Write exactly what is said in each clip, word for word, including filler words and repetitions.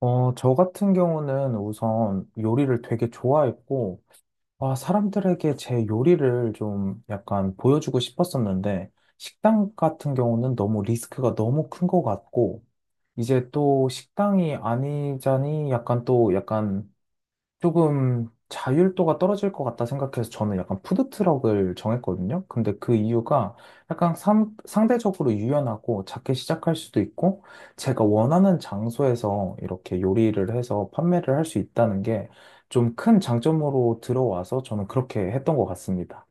어, 저 같은 경우는 우선 요리를 되게 좋아했고, 아, 사람들에게 제 요리를 좀 약간 보여주고 싶었었는데, 식당 같은 경우는 너무 리스크가 너무 큰 것 같고, 이제 또 식당이 아니자니 약간 또 약간 조금 자율도가 떨어질 것 같다 생각해서 저는 약간 푸드트럭을 정했거든요. 근데 그 이유가 약간 상, 상대적으로 유연하고 작게 시작할 수도 있고, 제가 원하는 장소에서 이렇게 요리를 해서 판매를 할 수 있다는 게 좀 큰 장점으로 들어와서 저는 그렇게 했던 것 같습니다.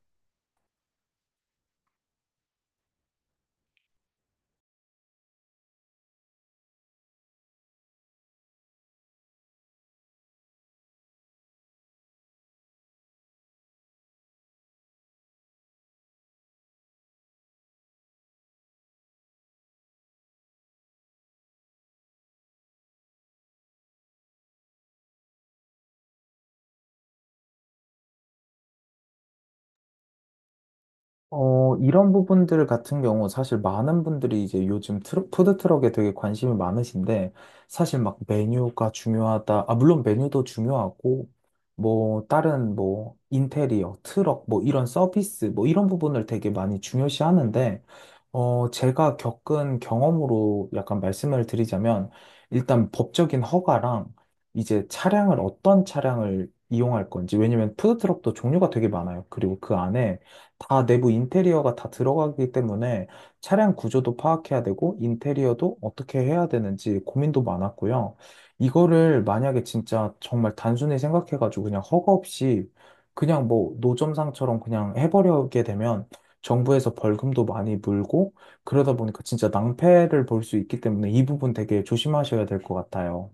어, 이런 부분들 같은 경우 사실 많은 분들이 이제 요즘 트럭, 푸드트럭에 되게 관심이 많으신데, 사실 막 메뉴가 중요하다, 아, 물론 메뉴도 중요하고 뭐 다른 뭐 인테리어, 트럭 뭐 이런 서비스 뭐 이런 부분을 되게 많이 중요시 하는데, 어, 제가 겪은 경험으로 약간 말씀을 드리자면, 일단 법적인 허가랑 이제 차량을 어떤 차량을 이용할 건지. 왜냐면 푸드트럭도 종류가 되게 많아요. 그리고 그 안에 다 내부 인테리어가 다 들어가기 때문에 차량 구조도 파악해야 되고 인테리어도 어떻게 해야 되는지 고민도 많았고요. 이거를 만약에 진짜 정말 단순히 생각해가지고 그냥 허가 없이 그냥 뭐 노점상처럼 그냥 해버리게 되면 정부에서 벌금도 많이 물고, 그러다 보니까 진짜 낭패를 볼 수 있기 때문에 이 부분 되게 조심하셔야 될 것 같아요.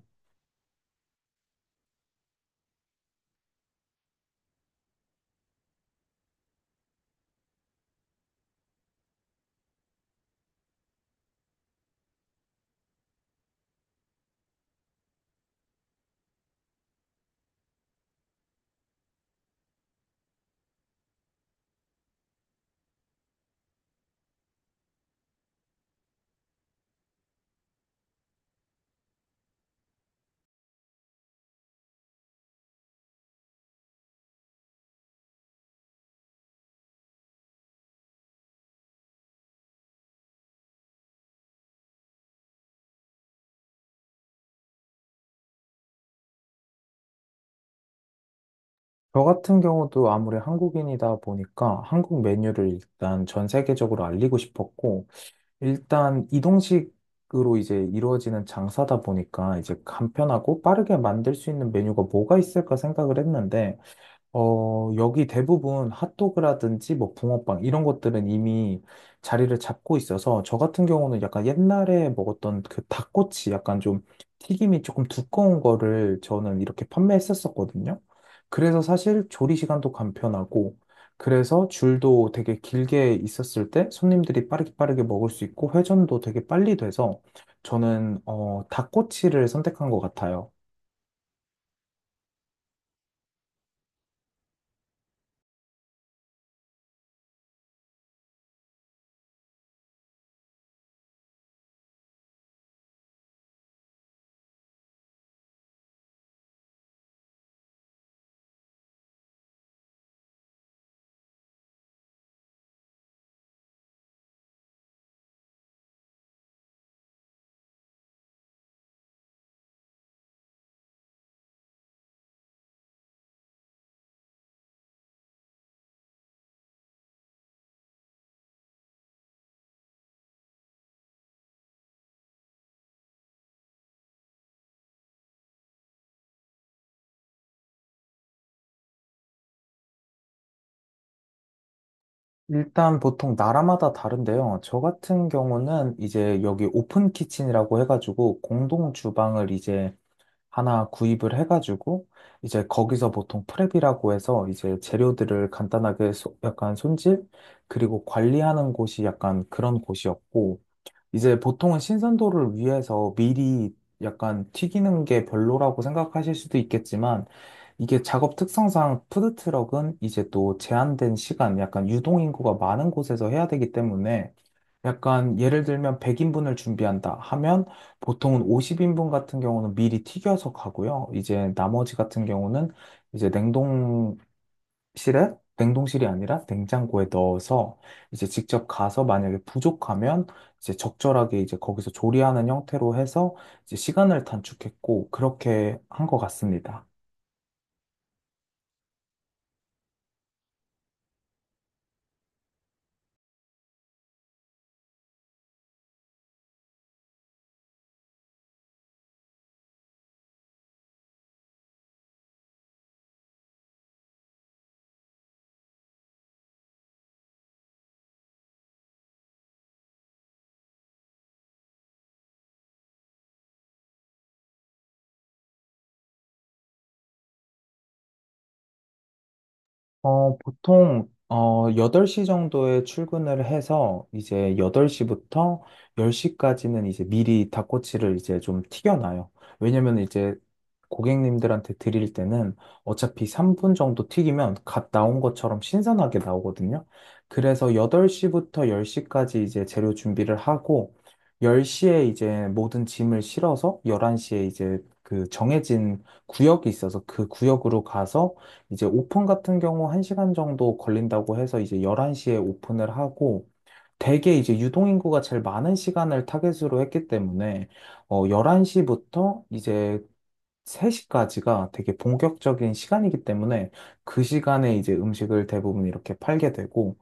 저 같은 경우도 아무리 한국인이다 보니까 한국 메뉴를 일단 전 세계적으로 알리고 싶었고, 일단 이동식으로 이제 이루어지는 장사다 보니까 이제 간편하고 빠르게 만들 수 있는 메뉴가 뭐가 있을까 생각을 했는데, 어, 여기 대부분 핫도그라든지 뭐 붕어빵 이런 것들은 이미 자리를 잡고 있어서, 저 같은 경우는 약간 옛날에 먹었던 그 닭꼬치, 약간 좀 튀김이 조금 두꺼운 거를 저는 이렇게 판매했었었거든요. 그래서 사실 조리 시간도 간편하고, 그래서 줄도 되게 길게 있었을 때 손님들이 빠르게 빠르게 먹을 수 있고 회전도 되게 빨리 돼서 저는 어, 닭꼬치를 선택한 것 같아요. 일단 보통 나라마다 다른데요. 저 같은 경우는 이제 여기 오픈 키친이라고 해가지고 공동 주방을 이제 하나 구입을 해가지고, 이제 거기서 보통 프랩이라고 해서 이제 재료들을 간단하게 소- 약간 손질 그리고 관리하는 곳이 약간 그런 곳이었고, 이제 보통은 신선도를 위해서 미리 약간 튀기는 게 별로라고 생각하실 수도 있겠지만, 이게 작업 특성상 푸드트럭은 이제 또 제한된 시간, 약간 유동인구가 많은 곳에서 해야 되기 때문에, 약간 예를 들면 백 인분을 준비한다 하면 보통은 오십 인분 같은 경우는 미리 튀겨서 가고요. 이제 나머지 같은 경우는 이제 냉동 실에 냉동실이 아니라 냉장고에 넣어서 이제 직접 가서 만약에 부족하면 이제 적절하게 이제 거기서 조리하는 형태로 해서 이제 시간을 단축했고 그렇게 한 것 같습니다. 어, 보통, 어, 여덟 시 정도에 출근을 해서 이제 여덟 시부터 열 시까지는 이제 미리 닭꼬치를 이제 좀 튀겨놔요. 왜냐면 이제 고객님들한테 드릴 때는 어차피 삼 분 정도 튀기면 갓 나온 것처럼 신선하게 나오거든요. 그래서 여덟 시부터 열 시까지 이제 재료 준비를 하고, 열 시에 이제 모든 짐을 실어서 열한 시에, 이제 그 정해진 구역이 있어서 그 구역으로 가서, 이제 오픈 같은 경우 한 시간 정도 걸린다고 해서 이제 열한 시에 오픈을 하고, 대게 이제 유동인구가 제일 많은 시간을 타겟으로 했기 때문에 어 열한 시부터 이제 세 시까지가 되게 본격적인 시간이기 때문에, 그 시간에 이제 음식을 대부분 이렇게 팔게 되고,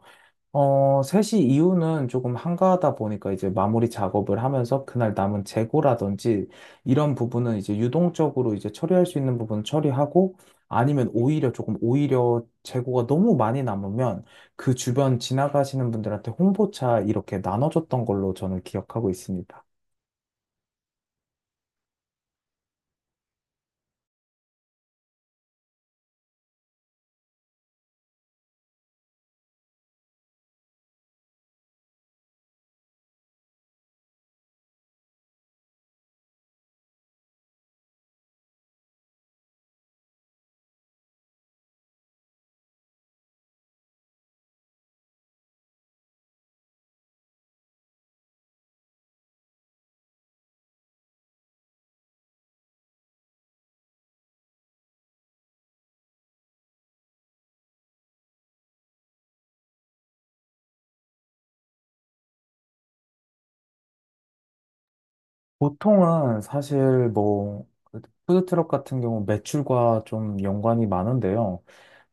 어, 세 시 이후는 조금 한가하다 보니까 이제 마무리 작업을 하면서 그날 남은 재고라든지 이런 부분은 이제 유동적으로 이제 처리할 수 있는 부분 처리하고, 아니면 오히려 조금, 오히려 재고가 너무 많이 남으면 그 주변 지나가시는 분들한테 홍보차 이렇게 나눠줬던 걸로 저는 기억하고 있습니다. 보통은 사실 뭐 푸드트럭 같은 경우 매출과 좀 연관이 많은데요.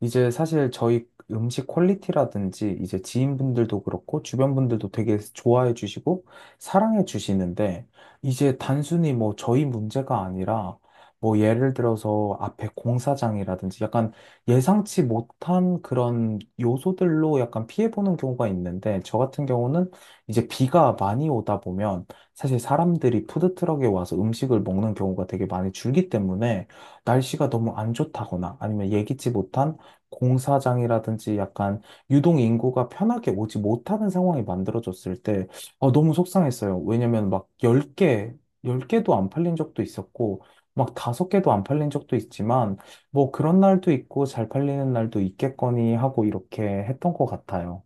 이제 사실 저희 음식 퀄리티라든지 이제 지인분들도 그렇고 주변 분들도 되게 좋아해 주시고 사랑해 주시는데, 이제 단순히 뭐 저희 문제가 아니라 뭐 예를 들어서 앞에 공사장이라든지 약간 예상치 못한 그런 요소들로 약간 피해 보는 경우가 있는데, 저 같은 경우는 이제 비가 많이 오다 보면 사실 사람들이 푸드트럭에 와서 음식을 먹는 경우가 되게 많이 줄기 때문에, 날씨가 너무 안 좋다거나 아니면 예기치 못한 공사장이라든지 약간 유동 인구가 편하게 오지 못하는 상황이 만들어졌을 때 어, 너무 속상했어요. 왜냐면 막 열 개, 열 개도 안 팔린 적도 있었고 막 다섯 개도 안 팔린 적도 있지만, 뭐 그런 날도 있고 잘 팔리는 날도 있겠거니 하고 이렇게 했던 것 같아요.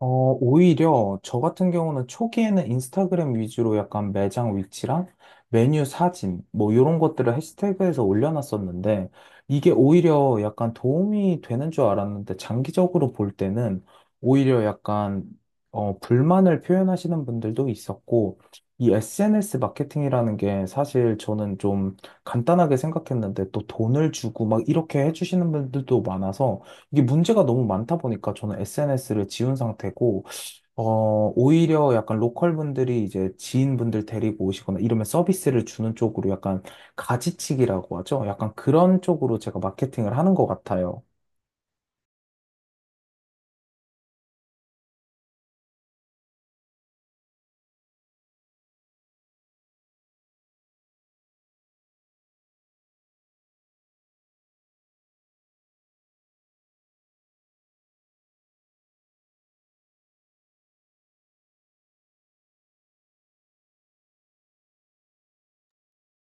어, 오히려 저 같은 경우는 초기에는 인스타그램 위주로 약간 매장 위치랑 메뉴 사진 뭐 이런 것들을 해시태그에서 올려놨었는데, 이게 오히려 약간 도움이 되는 줄 알았는데 장기적으로 볼 때는 오히려 약간 어, 불만을 표현하시는 분들도 있었고, 이 에스엔에스 마케팅이라는 게 사실 저는 좀 간단하게 생각했는데 또 돈을 주고 막 이렇게 해주시는 분들도 많아서, 이게 문제가 너무 많다 보니까 저는 에스엔에스를 지운 상태고, 어, 오히려 약간 로컬 분들이 이제 지인분들 데리고 오시거나 이러면 서비스를 주는 쪽으로 약간, 가지치기라고 하죠. 약간 그런 쪽으로 제가 마케팅을 하는 것 같아요.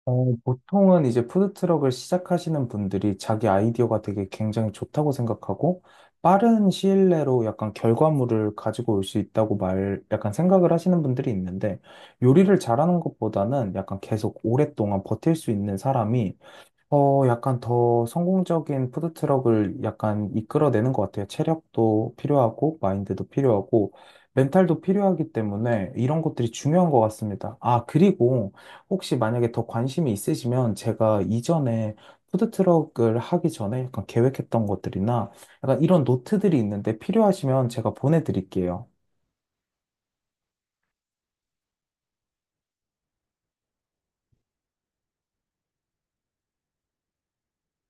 어, 보통은 이제 푸드트럭을 시작하시는 분들이 자기 아이디어가 되게 굉장히 좋다고 생각하고 빠른 시일 내로 약간 결과물을 가지고 올 수 있다고 말, 약간 생각을 하시는 분들이 있는데, 요리를 잘하는 것보다는 약간 계속 오랫동안 버틸 수 있는 사람이 어, 약간 더 성공적인 푸드트럭을 약간 이끌어내는 것 같아요. 체력도 필요하고, 마인드도 필요하고, 멘탈도 필요하기 때문에 이런 것들이 중요한 것 같습니다. 아, 그리고 혹시 만약에 더 관심이 있으시면 제가 이전에 푸드트럭을 하기 전에 약간 계획했던 것들이나 약간 이런 노트들이 있는데 필요하시면 제가 보내드릴게요.